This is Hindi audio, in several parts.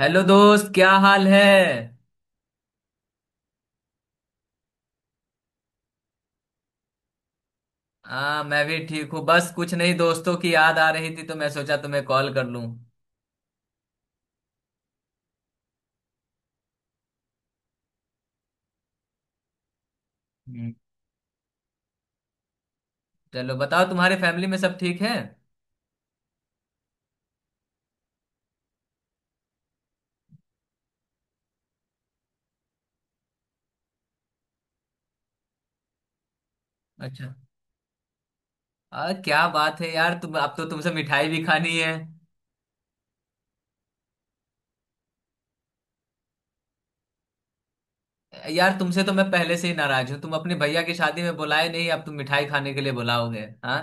हेलो दोस्त, क्या हाल है। हाँ, मैं भी ठीक हूँ। बस कुछ नहीं, दोस्तों की याद आ रही थी तो मैं सोचा तुम्हें कॉल कर लूँ। हम्म, चलो बताओ, तुम्हारे फैमिली में सब ठीक है। अच्छा। क्या बात है यार, तुम अब तो तुमसे मिठाई भी खानी है। यार, तुमसे तो मैं पहले से ही नाराज हूँ, तुम अपने भैया की शादी में बुलाए नहीं, अब तुम मिठाई खाने के लिए बुलाओगे हाँ।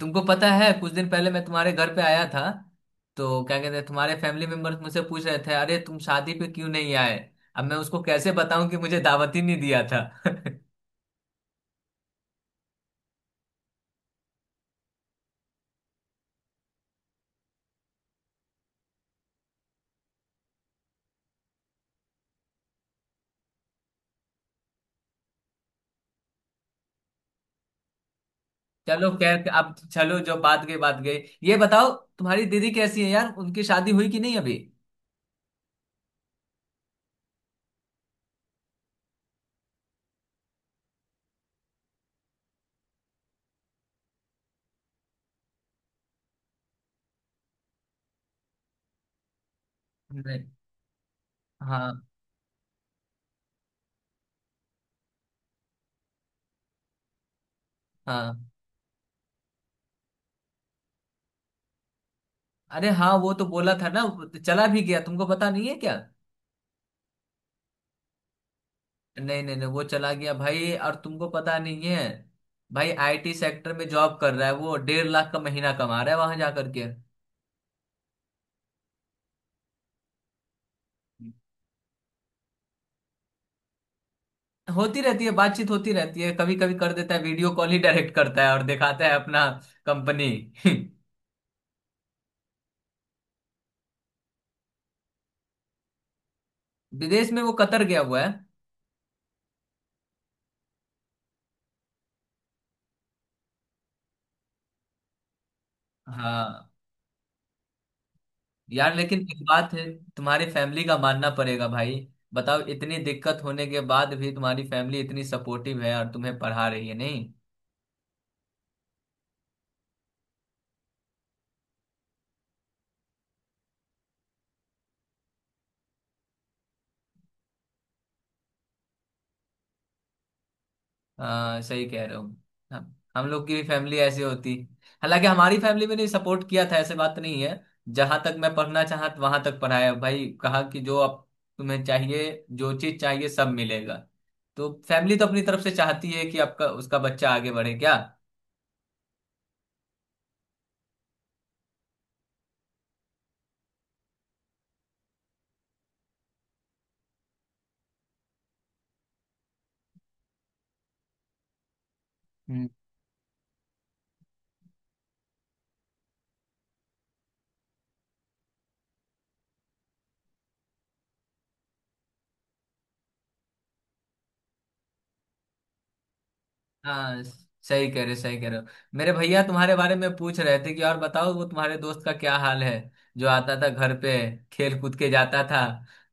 तुमको पता है कुछ दिन पहले मैं तुम्हारे घर पे आया था, तो क्या कहते हैं, तुम्हारे फैमिली मेंबर्स मुझसे पूछ रहे थे, अरे तुम शादी पे क्यों नहीं आए। अब मैं उसको कैसे बताऊं कि मुझे दावत ही नहीं दिया था। चलो खैर, अब चलो जो बात गई बात गई। ये बताओ, तुम्हारी दीदी कैसी है यार, उनकी शादी हुई कि नहीं अभी। नहीं। हाँ हाँ। अरे हाँ, वो तो बोला था ना। चला भी गया, तुमको पता नहीं है क्या। नहीं नहीं नहीं, वो चला गया भाई, और तुमको पता नहीं है। भाई आईटी सेक्टर में जॉब कर रहा है, वो 1.5 लाख का महीना कमा रहा है वहां जा करके। होती रहती है, बातचीत होती रहती है, कभी कभी कर देता है वीडियो कॉल ही, डायरेक्ट करता है और दिखाता है अपना कंपनी। विदेश में वो कतर गया हुआ है। हाँ। यार लेकिन एक बात है, तुम्हारी फैमिली का मानना पड़ेगा भाई। बताओ, इतनी दिक्कत होने के बाद भी तुम्हारी फैमिली इतनी सपोर्टिव है और तुम्हें पढ़ा रही है नहीं। हाँ सही कह रहे हो। हम लोग की भी फैमिली ऐसी होती। हालांकि हमारी फैमिली में भी सपोर्ट किया था, ऐसे बात नहीं है। जहां तक मैं पढ़ना चाहा वहां तक पढ़ाया भाई, कहा कि जो आप तुम्हें चाहिए, जो चीज चाहिए सब मिलेगा। तो फैमिली तो अपनी तरफ से चाहती है कि आपका उसका बच्चा आगे बढ़े क्या। हाँ सही कह रहे हो, सही कह रहे हो। मेरे भैया तुम्हारे बारे में पूछ रहे थे कि और बताओ वो तुम्हारे दोस्त का क्या हाल है, जो आता था घर पे, खेल कूद के जाता था।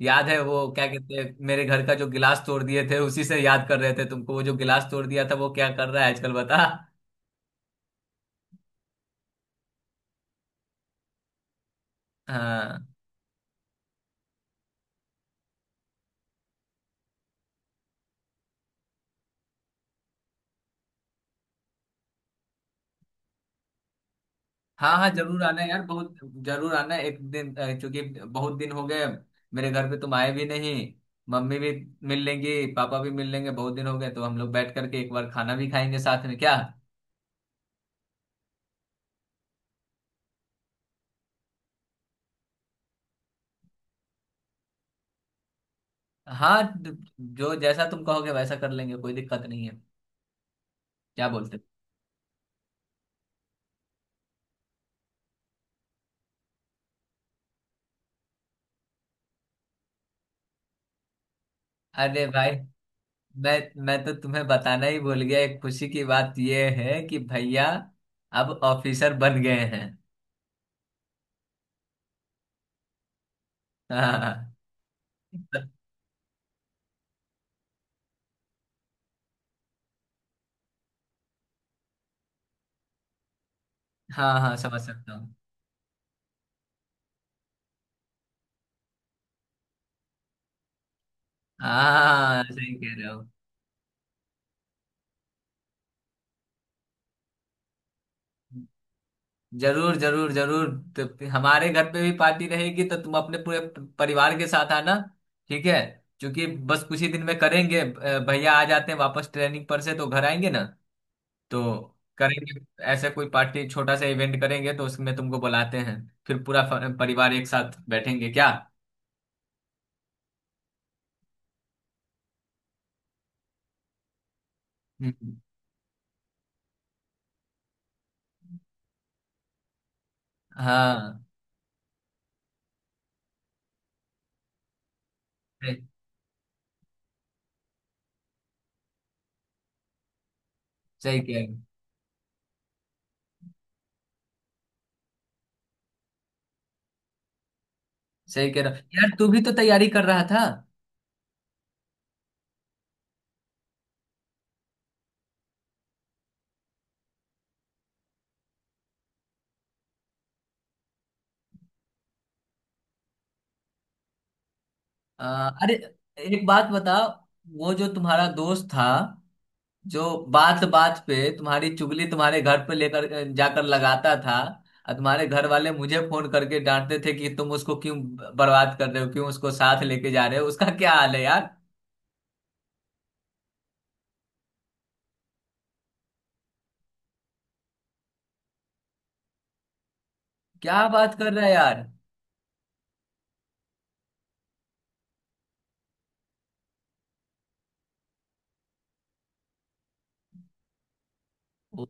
याद है, वो क्या कहते हैं, मेरे घर का जो गिलास तोड़ दिए थे उसी से याद कर रहे थे तुमको, वो जो गिलास तोड़ दिया था वो क्या कर रहा है आजकल बता। हाँ हाँ, हाँ जरूर आना यार, बहुत जरूर आना एक दिन, क्योंकि बहुत दिन हो गए, मेरे घर पे तुम आए भी नहीं। मम्मी भी मिल लेंगी, पापा भी मिल लेंगे, बहुत दिन हो गए, तो हम लोग बैठ करके एक बार खाना भी खाएंगे साथ में क्या। हाँ जो जैसा तुम कहोगे वैसा कर लेंगे, कोई दिक्कत नहीं है। क्या बोलते हो? अरे भाई, मैं तो तुम्हें बताना ही भूल गया, एक खुशी की बात ये है कि भैया अब ऑफिसर बन गए हैं। हाँ हाँ, हाँ समझ सकता हूँ। हाँ सही कह रहे हो। जरूर जरूर जरूर। तो फिर हमारे घर पे भी पार्टी रहेगी, तो तुम अपने पूरे परिवार के साथ आना। ठीक है। क्योंकि बस कुछ ही दिन में करेंगे, भैया आ जाते हैं वापस ट्रेनिंग पर से तो घर आएंगे ना। तो करेंगे ऐसे कोई पार्टी, छोटा सा इवेंट करेंगे तो उसमें तुमको बुलाते हैं। फिर पूरा परिवार एक साथ बैठेंगे क्या। हम्म, हाँ सही। सही कह रहे हो, सही कह रहा। यार तू भी तो तैयारी कर रहा था। अरे, एक बात बता। वो जो तुम्हारा दोस्त था, जो बात बात पे तुम्हारी चुगली तुम्हारे घर पे लेकर जाकर लगाता था, और तुम्हारे घर वाले मुझे फोन करके डांटते थे कि तुम उसको क्यों बर्बाद कर रहे हो, क्यों उसको साथ लेके जा रहे हो, उसका क्या हाल है यार। क्या बात कर रहा है यार। ओ,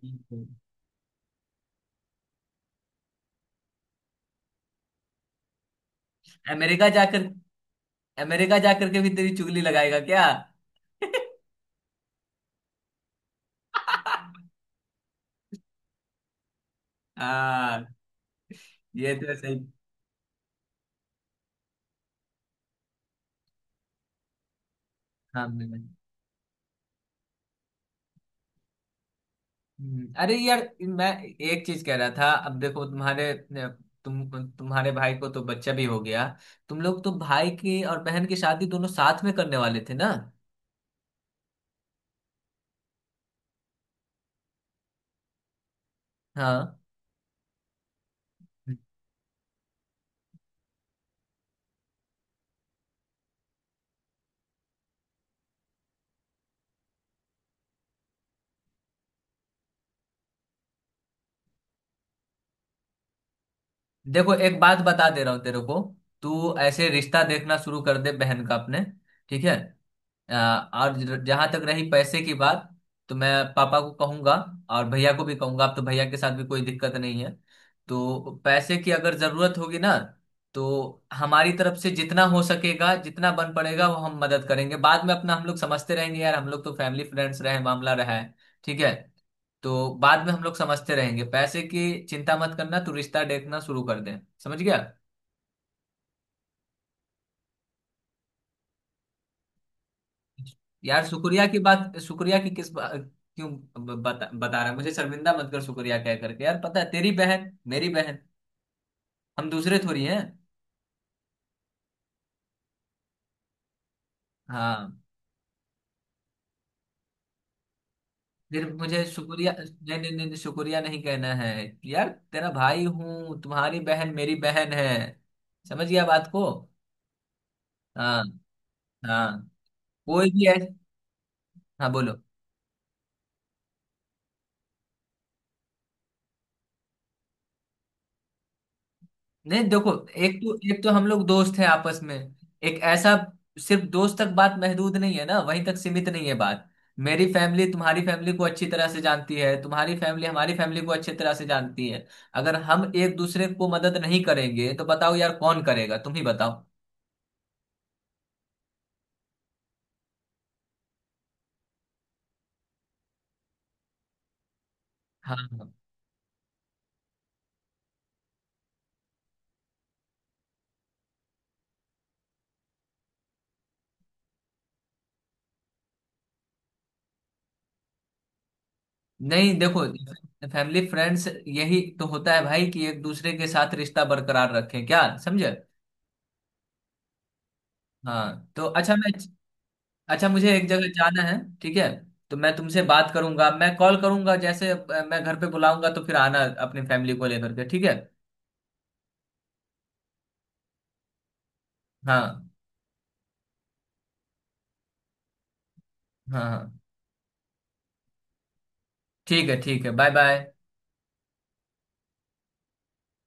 अमेरिका जाकर, अमेरिका जाकर के भी तेरी चुगली लगाएगा क्या। हाँ, ये तो सही। हाँ मैंने- अरे यार, मैं एक चीज कह रहा था, अब देखो तुम्हारे तुम तुम्हारे भाई को तो बच्चा भी हो गया, तुम लोग तो भाई की और बहन की शादी दोनों साथ में करने वाले थे ना। हाँ देखो, एक बात बता दे रहा हूँ तेरे को, तू ऐसे रिश्ता देखना शुरू कर दे बहन का अपने। ठीक है। अ, और जहां तक रही पैसे की बात, तो मैं पापा को कहूंगा, और भैया को भी कहूंगा, अब तो भैया के साथ भी कोई दिक्कत नहीं है। तो पैसे की अगर जरूरत होगी ना, तो हमारी तरफ से जितना हो सकेगा जितना बन पड़ेगा वो हम मदद करेंगे, बाद में अपना हम लोग समझते रहेंगे यार, हम लोग तो फैमिली फ्रेंड्स रहे मामला रहा है। ठीक है। तो बाद में हम लोग समझते रहेंगे, पैसे की चिंता मत करना, तू रिश्ता देखना शुरू कर दे। समझ गया। यार शुक्रिया की बात, शुक्रिया की किस क्यों। बता बता रहा है, मुझे शर्मिंदा मत कर शुक्रिया कह करके, यार पता है, तेरी बहन मेरी बहन, हम दूसरे थोड़ी हैं। हाँ, फिर मुझे शुक्रिया नहीं नहीं नहीं नहीं, शुक्रिया नहीं कहना है। यार तेरा भाई हूँ, तुम्हारी बहन मेरी बहन है, समझ गया बात को। हाँ हाँ। कोई भी है। हाँ बोलो। नहीं देखो, एक तो हम लोग दोस्त हैं आपस में, एक ऐसा, सिर्फ दोस्त तक बात महदूद नहीं है ना, वहीं तक सीमित नहीं है बात। मेरी फैमिली तुम्हारी फैमिली को अच्छी तरह से जानती है, तुम्हारी फैमिली हमारी फैमिली को अच्छी तरह से जानती है। अगर हम एक दूसरे को मदद नहीं करेंगे तो बताओ यार कौन करेगा, तुम ही बताओ। हाँ हाँ। नहीं देखो, फैमिली फ्रेंड्स यही तो होता है भाई, कि एक दूसरे के साथ रिश्ता बरकरार रखें क्या समझे। हाँ तो अच्छा मैं, अच्छा मुझे एक जगह जाना है। ठीक है। तो मैं तुमसे बात करूंगा, मैं कॉल करूंगा, जैसे मैं घर पे बुलाऊंगा तो फिर आना अपनी फैमिली को लेकर के, ठीक है। हाँ हाँ हाँ। ठीक है, ठीक है, बाय बाय।